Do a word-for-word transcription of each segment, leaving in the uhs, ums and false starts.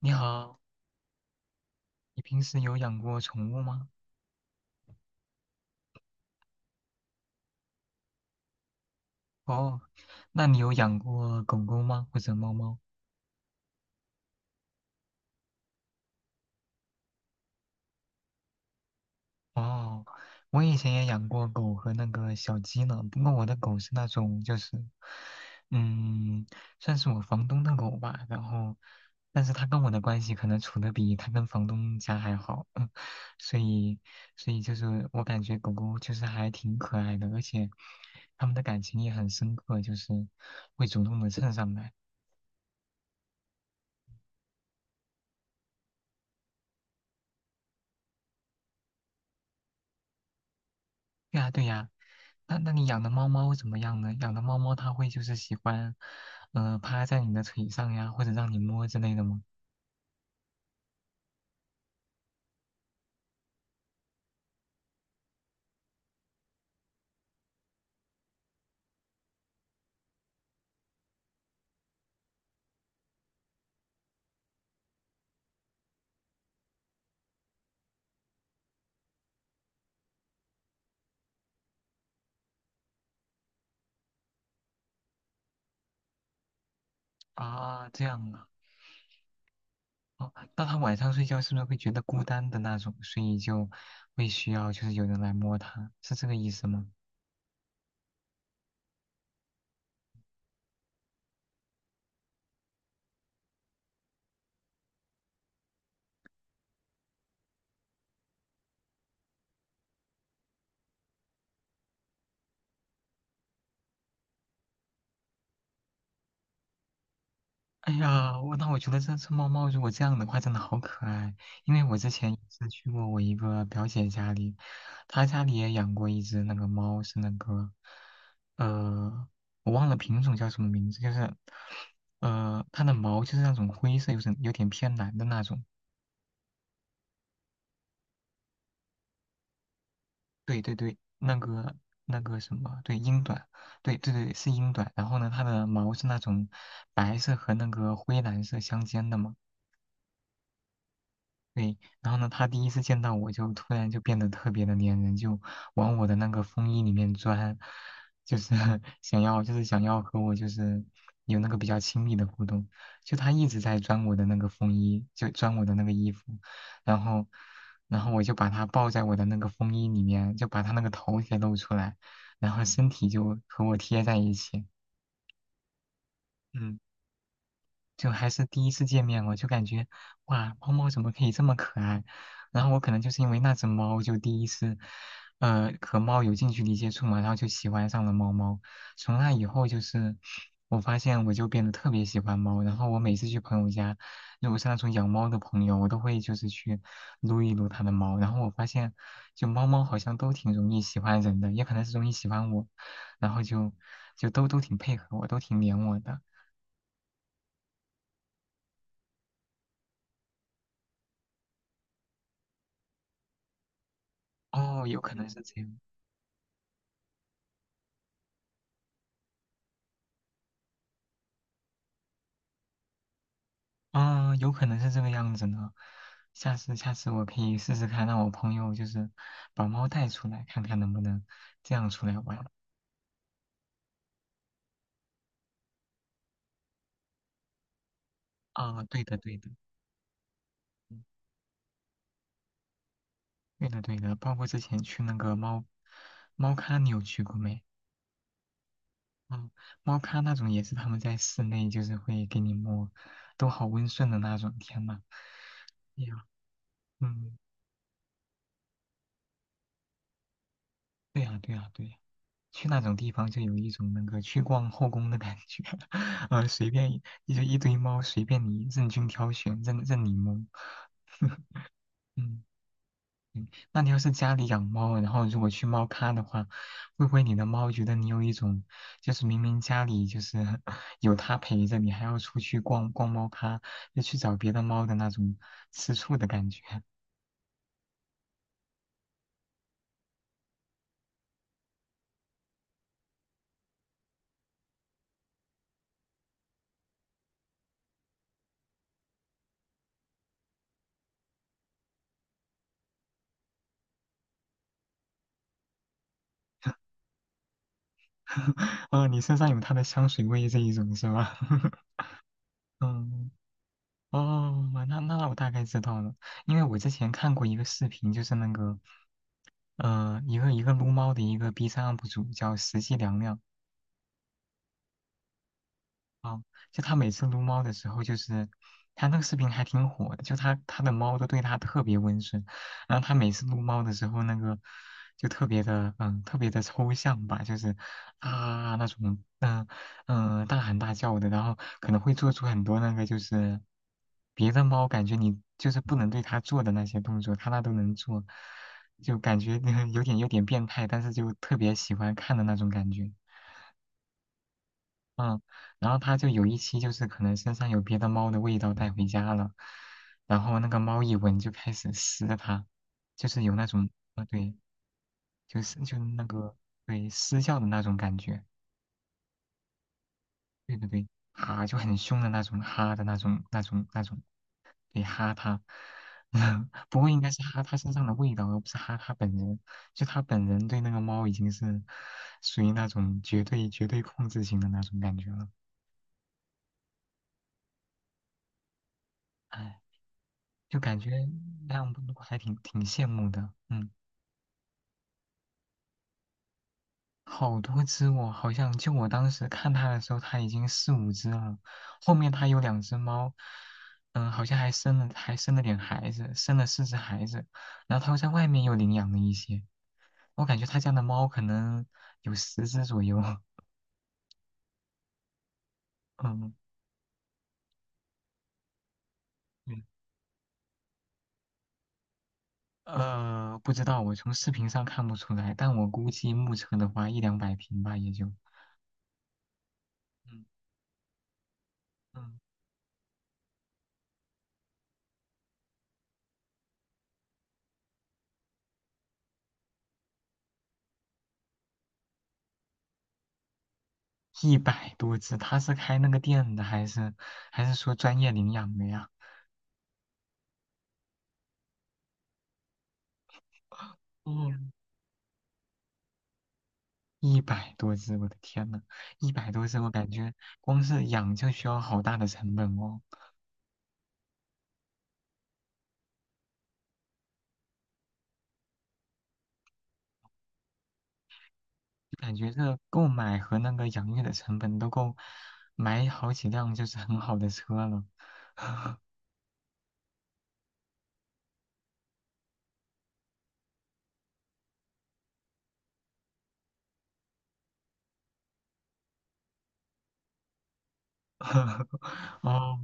你好，你平时有养过宠物吗？哦，那你有养过狗狗吗？或者猫猫？哦，我以前也养过狗和那个小鸡呢，不过我的狗是那种就是，嗯，算是我房东的狗吧。然后，但是它跟我的关系可能处的比它跟房东家还好，嗯，所以，所以就是我感觉狗狗就是还挺可爱的，而且他们的感情也很深刻，就是会主动的蹭上来。对呀，对呀，那那你养的猫猫怎么样呢？养的猫猫它会就是喜欢，呃，趴在你的腿上呀，或者让你摸之类的吗？啊，这样啊，哦，那它晚上睡觉是不是会觉得孤单的那种，所以就会需要就是有人来摸它，是这个意思吗？哎呀，我那我觉得这只猫猫如果这样的话，真的好可爱。因为我之前是去过我一个表姐家里，她家里也养过一只那个猫，是那个，呃，我忘了品种叫什么名字，就是，呃，它的毛就是那种灰色，有点有点偏蓝的那种。对对对，那个那个什么，对，英短，对对对，是英短。然后呢，它的毛是那种白色和那个灰蓝色相间的嘛。对，然后呢，他第一次见到我就突然就变得特别的粘人，就往我的那个风衣里面钻，就是 想要就是想要和我就是有那个比较亲密的互动。就他一直在钻我的那个风衣，就钻我的那个衣服，然后然后我就把他抱在我的那个风衣里面，就把他那个头给露出来，然后身体就和我贴在一起。嗯。就还是第一次见面，我就感觉哇，猫猫怎么可以这么可爱？然后我可能就是因为那只猫，就第一次，呃，和猫有近距离接触嘛，然后就喜欢上了猫猫。从那以后，就是我发现我就变得特别喜欢猫。然后我每次去朋友家，如果是那种养猫的朋友，我都会就是去撸一撸它的猫。然后我发现，就猫猫好像都挺容易喜欢人的，也可能是容易喜欢我，然后就就都都挺配合我，都挺黏我的。哦，有可能是这样。啊，有可能是这个样子呢。下次下次我可以试试看，让我朋友就是把猫带出来，看看能不能这样出来玩。啊，对的对的，嗯对的对的，包括之前去那个猫猫咖，你有去过没？嗯，猫咖那种也是他们在室内就是会给你摸，都好温顺的那种，天呐。哎呀，嗯，对呀对呀对呀。去那种地方就有一种那个去逛后宫的感觉，呃，随便一一就一堆猫，随便你任君挑选，任任你摸。嗯嗯，那你要是家里养猫，然后如果去猫咖的话，会不会你的猫觉得你有一种，就是明明家里就是 有它陪着你，还要出去逛逛猫咖，就去找别的猫的那种吃醋的感觉？哦，你身上有它的香水味这一种是吧？嗯哦，那那我大概知道了，因为我之前看过一个视频，就是那个，呃，一个一个撸猫的一个 B 站 U P 主叫实际凉凉，啊，就他每次撸猫的时候，就是他那个视频还挺火的，就他他的猫都对他特别温顺，然后他每次撸猫的时候，那个就特别的嗯特别的抽象吧，就是啊那种嗯嗯、呃大喊大叫的，然后可能会做出很多那个就是别的猫感觉你就是不能对它做的那些动作，它那都能做，就感觉 有点有点变态，但是就特别喜欢看的那种感觉。嗯，然后他就有一期就是可能身上有别的猫的味道带回家了，然后那个猫一闻就开始撕它，就是有那种啊对，就是就那个对撕叫的那种感觉，对对对，哈就很凶的那种哈的那种那种那种，对哈它，不过应该是哈它身上的味道，而不是哈它本人，就它本人对那个猫已经是属于那种绝对绝对控制型的那种感觉了，唉。就感觉那样还挺挺羡慕的。嗯，好多只哦，好像就我当时看它的时候，它已经四五只了。后面它有两只猫，嗯，好像还生了还生了点孩子，生了四只孩子。然后它又在外面又领养了一些，我感觉它家的猫可能有十只左右。嗯，对呃，不知道，我从视频上看不出来，但我估计目测的话，一两百平吧，也就。嗯嗯。一百多只，他是开那个店的，还是还是说专业领养的呀？嗯，一百多只，我的天呐，一百多只，我感觉光是养就需要好大的成本哦，就感觉这购买和那个养育的成本都够买好几辆就是很好的车了。哦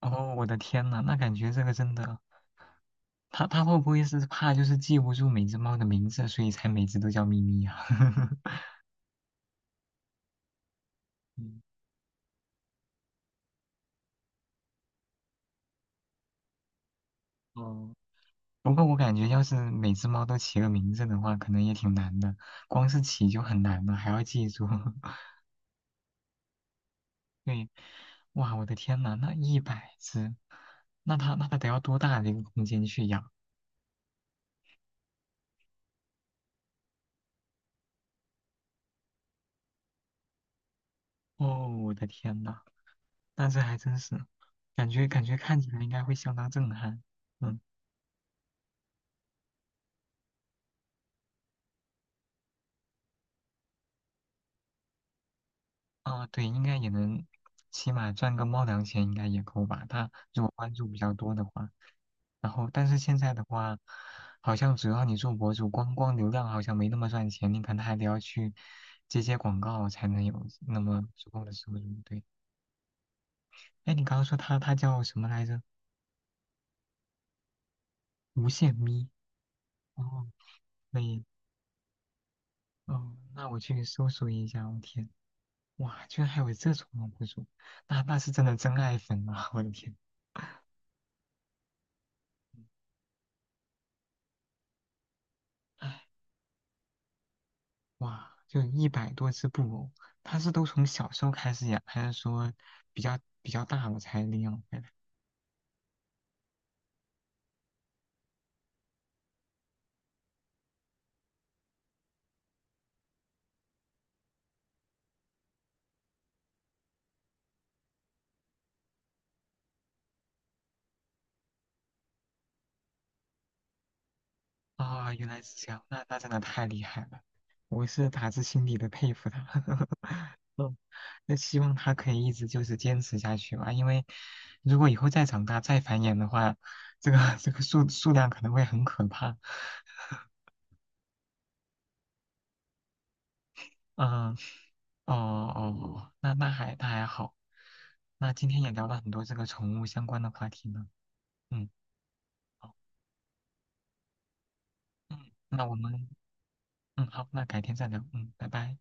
哦，我的天呐，那感觉这个真的，他他会不会是怕就是记不住每只猫的名字，所以才每只都叫咪咪呀？嗯哦不过我感觉，要是每只猫都起个名字的话，可能也挺难的。光是起就很难了，还要记住。对，哇，我的天呐，那一百只，那它那它得要多大的一个空间去养？哦，我的天呐，那这还真是，感觉感觉看起来应该会相当震撼。嗯。啊，对，应该也能，起码赚个猫粮钱应该也够吧。他如果关注比较多的话，然后但是现在的话，好像只要你做博主，光光流量好像没那么赚钱，你可能还得要去接接广告才能有那么足够的收入。对，哎，你刚刚说他他叫什么来着？无限咪。哦，可以，哦，那我去搜索一下。我天，哇，居然还有这种博主，那那是真的真爱粉啊！我的天。哇，就一百多只布偶，它是都从小时候开始养，还是说比较比较大了才领养回来？啊、原来是这样，那那真的太厉害了，我是打自心底的佩服他。嗯那希望他可以一直就是坚持下去吧，因为如果以后再长大再繁衍的话，这个 这个数数量可能会很可怕。嗯，哦哦，那那还那还好，那今天也聊了很多这个宠物相关的话题呢。嗯。好嗯，那我们，嗯，好，那改天再聊，嗯，拜拜。